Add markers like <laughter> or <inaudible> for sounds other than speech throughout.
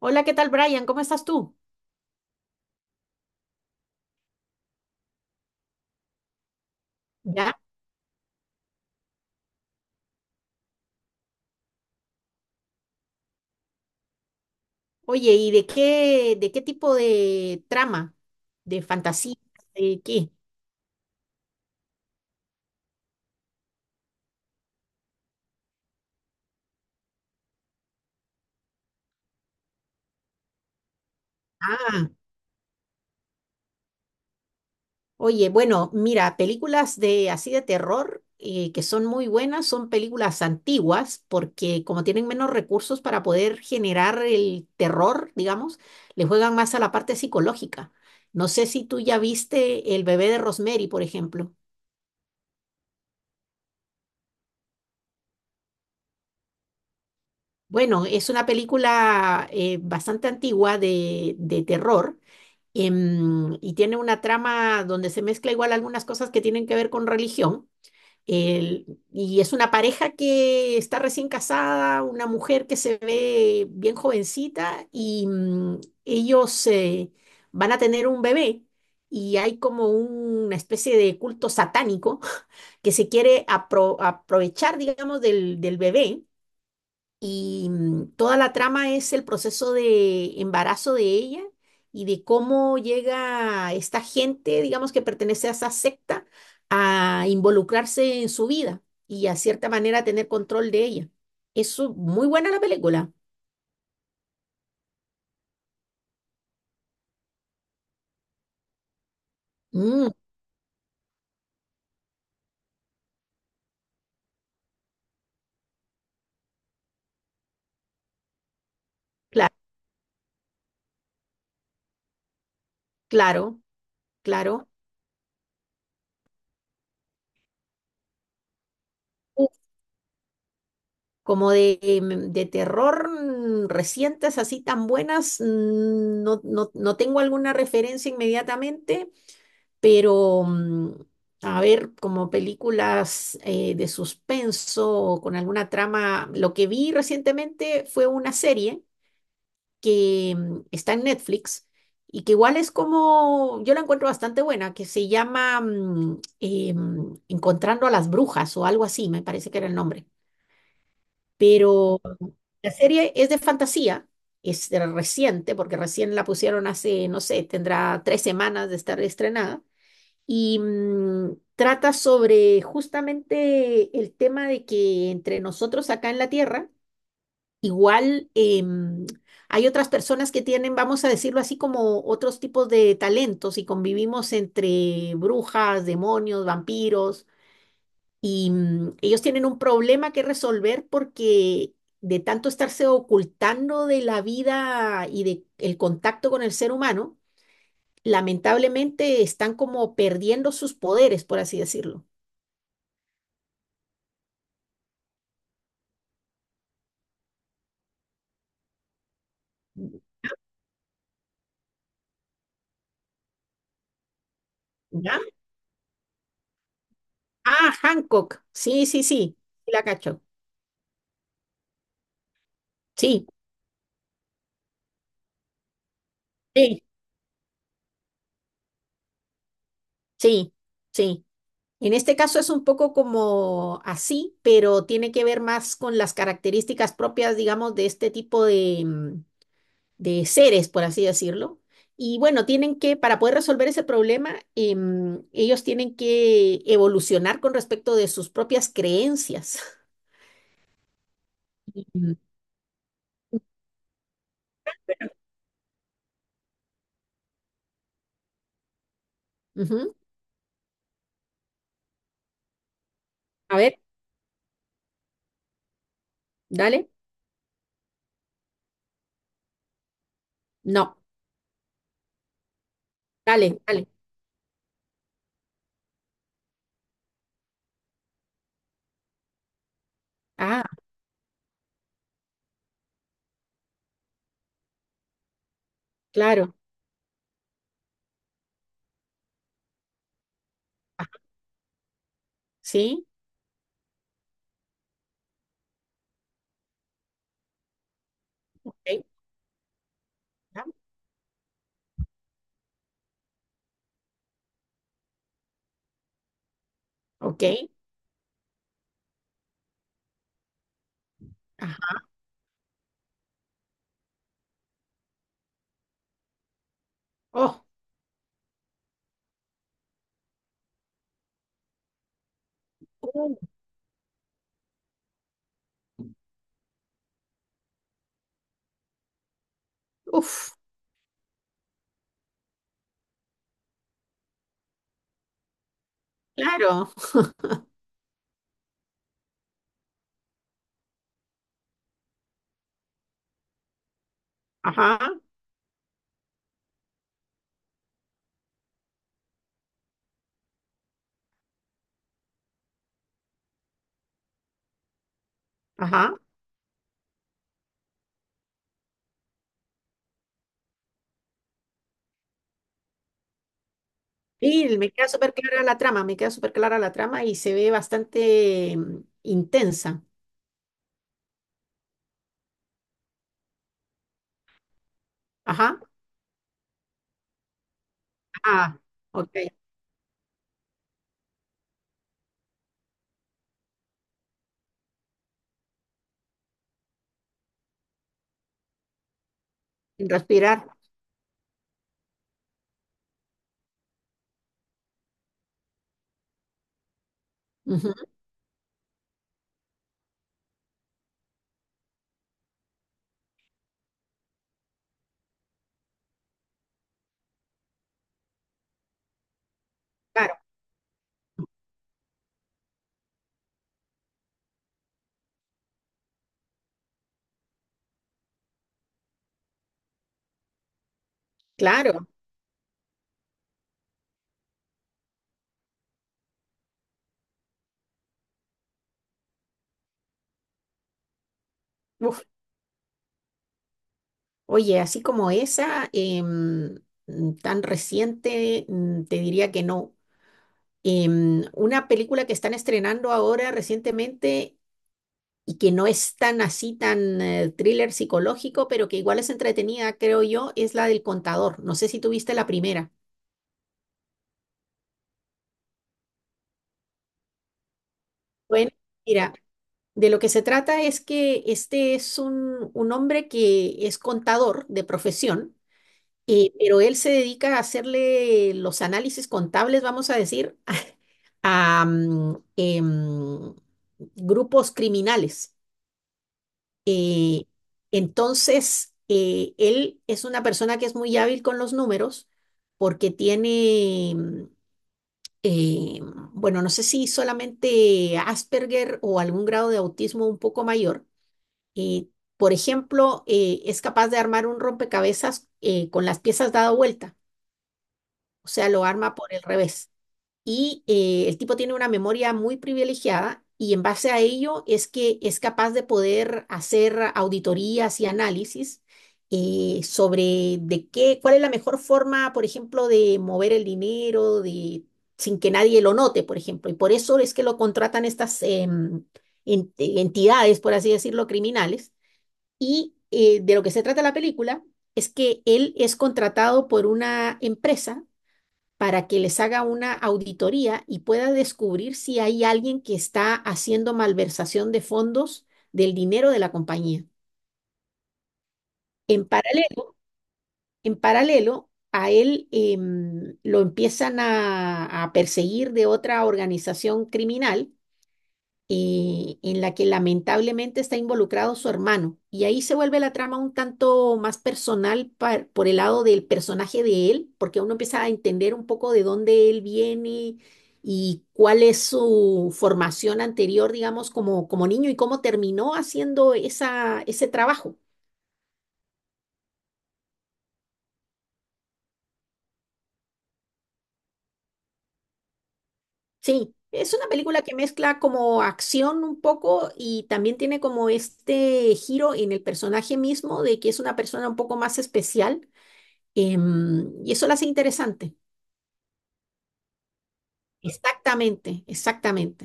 Hola, ¿qué tal, Brian? ¿Cómo estás tú? ¿Ya? Oye, ¿y de qué tipo de trama? ¿De fantasía? ¿De qué? Ah, oye, bueno, mira, películas de así de terror que son muy buenas son películas antiguas porque como tienen menos recursos para poder generar el terror, digamos, le juegan más a la parte psicológica. No sé si tú ya viste El bebé de Rosemary, por ejemplo. Bueno, es una película bastante antigua de terror, y tiene una trama donde se mezcla igual algunas cosas que tienen que ver con religión. Y es una pareja que está recién casada, una mujer que se ve bien jovencita y, ellos van a tener un bebé y hay como una especie de culto satánico <laughs> que se quiere aprovechar, digamos, del bebé y, toda la trama es el proceso de embarazo de ella y de cómo llega esta gente, digamos que pertenece a esa secta, a involucrarse en su vida y a cierta manera tener control de ella. Es muy buena la película. Mm, cla- claro, claro. Uf. Como de, de terror, recientes, así tan buenas, mm, no, no tengo alguna referencia inmediatamente. Pero, mm, a ver, como películas de suspenso o con alguna trama, lo que vi recientemente fue una serie que, está en Netflix y que igual es como, yo la encuentro bastante buena, que se llama Encontrando a las Brujas o algo así, me parece que era el nombre. Pero la serie es de fantasía. Es de reciente, porque recién la pusieron hace, no sé, tendrá 3 semanas de estar estrenada y, trata sobre justamente el tema de que entre nosotros acá en la Tierra, igual, hay otras personas que tienen, vamos a decirlo así, como otros tipos de talentos y convivimos entre brujas, demonios, vampiros, y, ellos tienen un problema que resolver porque... de tanto estarse ocultando de la vida y de el contacto con el ser humano, lamentablemente están como perdiendo sus poderes, por así decirlo. ¿Ya? Ah, Hancock. Sí, sí, sí. Sí, la cacho. Sí, sí, sí, sí. En este caso es un poco como así, pero tiene que ver más con las características propias, digamos, de este tipo de, mm, de seres, por así decirlo. Y bueno, tienen que, para poder resolver ese problema, ellos tienen que evolucionar con respecto de sus propias creencias. Mm, ujú. A ver, dale. No, dale, dale. Ah, claro, sí. Ok. Ajá, ok, ajá. Oh, uh, uf, claro. Ajá, ajá. Sí, me queda súper clara la trama, me queda súper clara la trama y se ve bastante, intensa. Ajá. Ah, ok. Sin respirar. Ujú. Claro, claro. Uf. Oye, así como esa, tan reciente, mm, te diría que no. Una película que están estrenando ahora recientemente y que no es tan así, tan thriller psicológico, pero que igual es entretenida, creo yo, es la del contador. No sé si tuviste la primera. Bueno, mira, de lo que se trata es que este es un hombre que es contador de profesión, pero él se dedica a hacerle los análisis contables, vamos a decir, <laughs> a, grupos criminales. Eh, entonces, él es una persona que es muy hábil con los números porque tiene, eh, bueno, no sé si solamente Asperger o algún grado de autismo un poco mayor. Eh, por ejemplo, es capaz de armar un rompecabezas con las piezas dado vuelta, o sea, lo arma por el revés y, el tipo tiene una memoria muy privilegiada y en base a ello es que es capaz de poder hacer auditorías y análisis, sobre de qué, cuál es la mejor forma, por ejemplo, de mover el dinero de, sin que nadie lo note, por ejemplo. Y por eso es que lo contratan estas, entidades, por así decirlo, criminales. Y, de lo que se trata la película es que él es contratado por una empresa para que les haga una auditoría y pueda descubrir si hay alguien que está haciendo malversación de fondos del dinero de la compañía. En paralelo, en paralelo a él, lo empiezan a perseguir de otra organización criminal, en la que lamentablemente está involucrado su hermano. Y ahí se vuelve la trama un tanto más personal por el lado del personaje de él, porque uno empieza a entender un poco de dónde él viene y cuál es su formación anterior, digamos, como, como niño y cómo terminó haciendo ese trabajo. Sí. Es una película que mezcla como acción un poco y también tiene como este giro en el personaje mismo de que es una persona un poco más especial. Y eso la hace interesante. Exactamente, exactamente.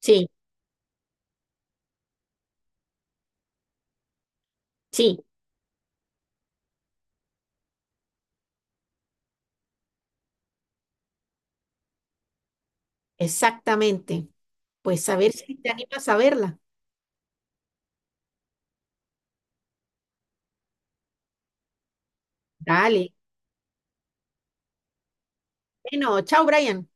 Sí, sí, exactamente. Pues a ver si te animas a verla. Dale. Bueno, chao, Brian.